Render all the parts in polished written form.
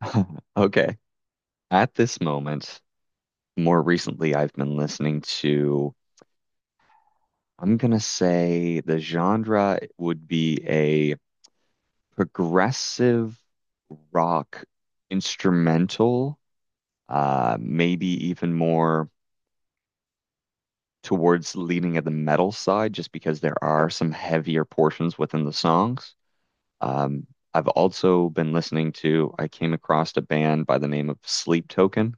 Okay. At this moment, more recently, I've been listening to, I'm gonna say the genre would be a progressive rock instrumental, maybe even more towards leaning at the metal side, just because there are some heavier portions within the songs. Um, I've also been listening to, I came across a band by the name of Sleep Token,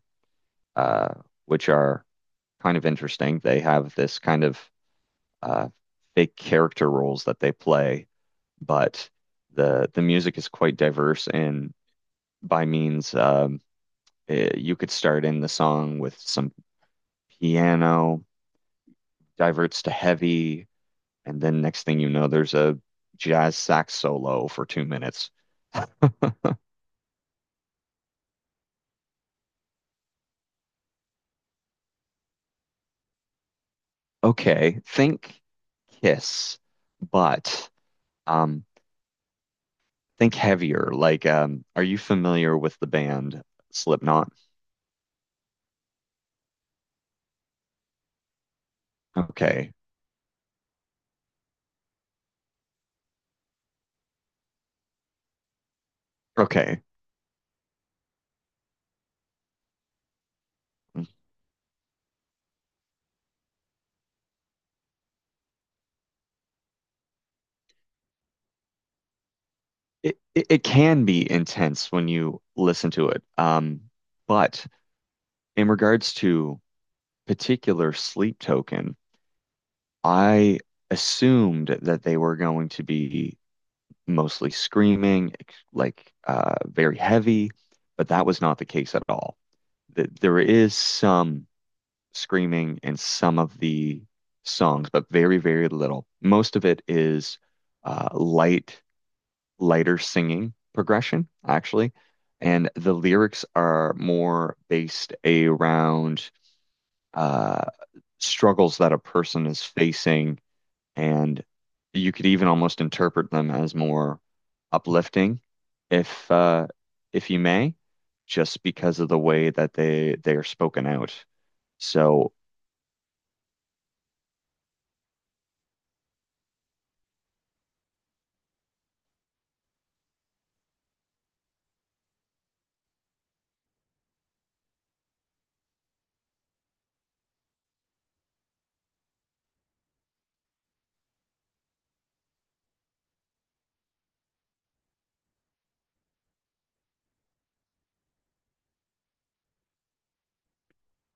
uh, which are kind of interesting. They have this kind of uh, fake character roles that they play, but the music is quite diverse. And by means, you could start in the song with some piano, diverts to heavy, and then next thing you know, there's a jazz sax solo for 2 minutes. Okay, think Kiss, but um, think heavier. Like, are you familiar with the band Slipknot? Okay. Okay, It, it can be intense when you listen to it. But in regards to particular Sleep Token, I assumed that they were going to be mostly screaming, very heavy, but that was not the case at all. Th there is some screaming in some of the songs, but very, very little. Most of it is uh, light lighter singing progression, actually. And the lyrics are more based around uh, struggles that a person is facing. And you could even almost interpret them as more uplifting, if uh, if you may, just because of the way that they are spoken out. So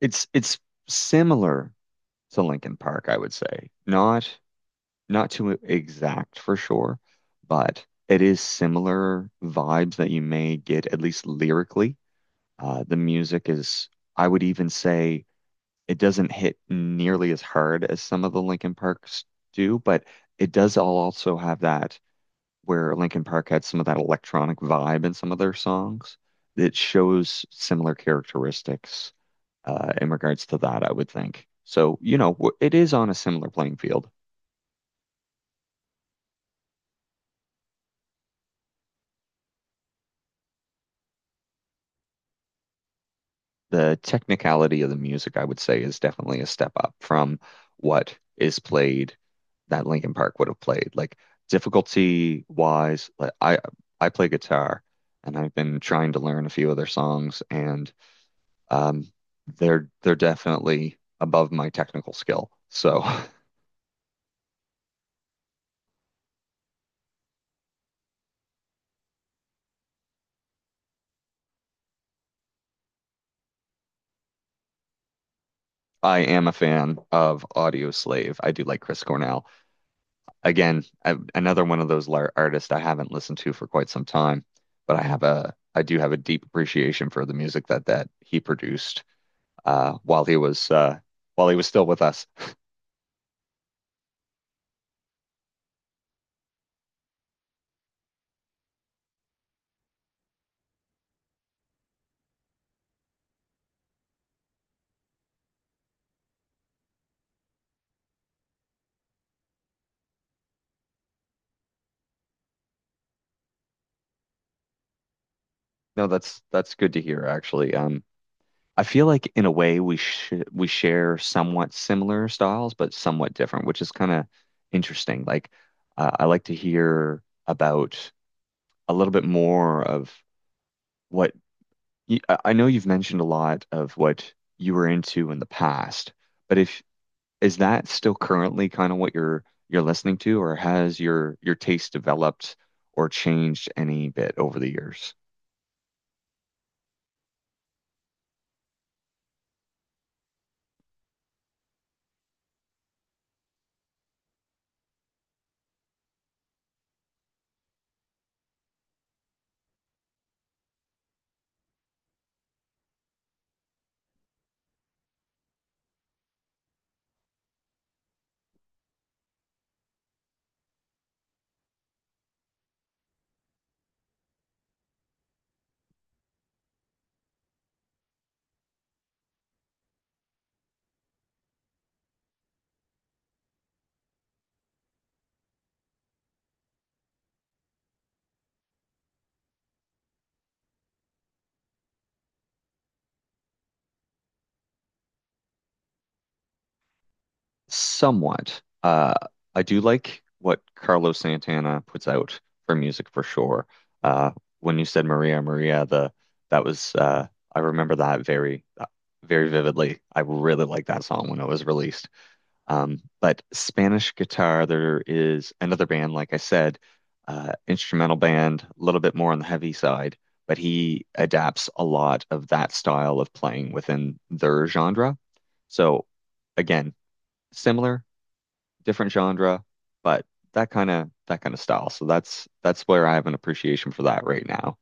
it's similar to Linkin Park, I would say. Not too exact for sure, but it is similar vibes that you may get, at least lyrically. The music is, I would even say, it doesn't hit nearly as hard as some of the Linkin Parks do, but it does all also have that, where Linkin Park had some of that electronic vibe in some of their songs. It shows similar characteristics in regards to that, I would think. So, you know, it is on a similar playing field. The technicality of the music, I would say, is definitely a step up from what is played that Linkin Park would have played. Like difficulty wise, like I play guitar and I've been trying to learn a few of their songs, and um they're definitely above my technical skill. So I am a fan of Audio Slave. I do like Chris Cornell. Again, another one of those artists I haven't listened to for quite some time, but I do have a deep appreciation for the music that he produced uh, while he was uh, while he was still with us. No, that's good to hear actually. I feel like in a way we share somewhat similar styles, but somewhat different, which is kind of interesting. Like I like to hear about a little bit more of what I know you've mentioned a lot of what you were into in the past, but if is that still currently kind of what you're listening to, or has your taste developed or changed any bit over the years? Somewhat. I do like what Carlos Santana puts out for music for sure. Uh, when you said Maria Maria, the that was I remember that very very vividly. I really liked that song when it was released. But Spanish guitar, there is another band, like I said, instrumental band, a little bit more on the heavy side, but he adapts a lot of that style of playing within their genre. So again, similar, different genre, but that kind of style. So that's where I have an appreciation for that right now.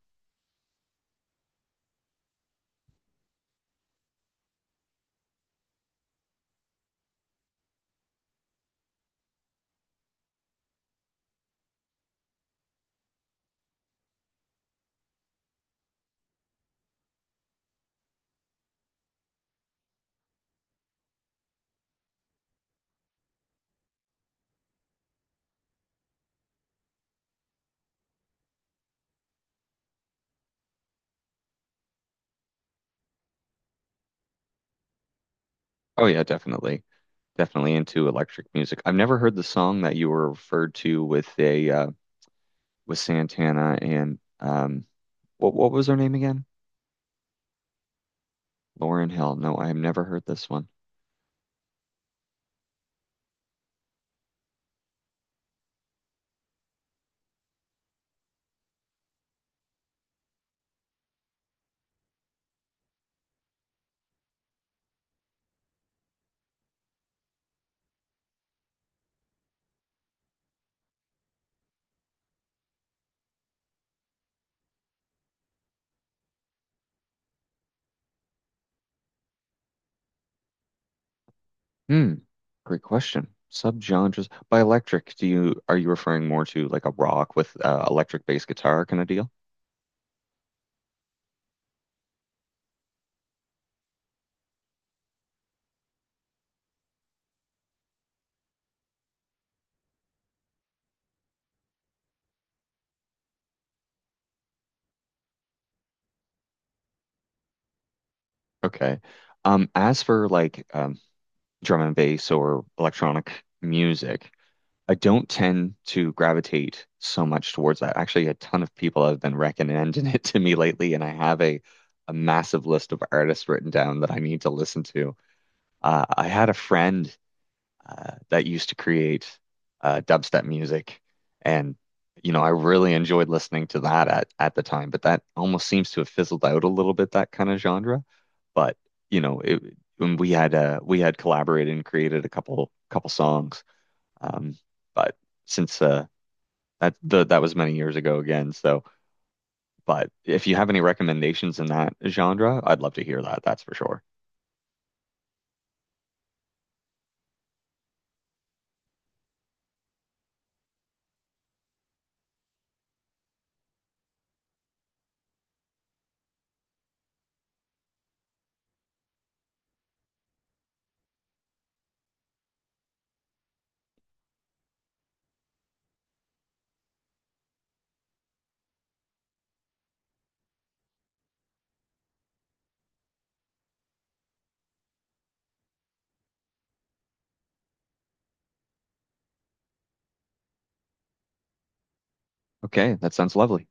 Oh yeah, definitely. Definitely into electric music. I've never heard the song that you were referred to with a with Santana and what was her name again? Lauren Hill. No, I have never heard this one. Hmm. Great question. Subgenres by electric. Do you are you referring more to like a rock with electric bass guitar kind of deal? Okay. As for like drum and bass or electronic music, I don't tend to gravitate so much towards that. Actually, a ton of people have been recommending it to me lately, and I have a massive list of artists written down that I need to listen to. I had a friend that used to create dubstep music, and you know I really enjoyed listening to that at the time. But that almost seems to have fizzled out a little bit, that kind of genre. But you know it, when we had collaborated and created a couple songs. Um, but since uh, that was many years ago again, so. But if you have any recommendations in that genre, I'd love to hear that. That's for sure. Okay, that sounds lovely.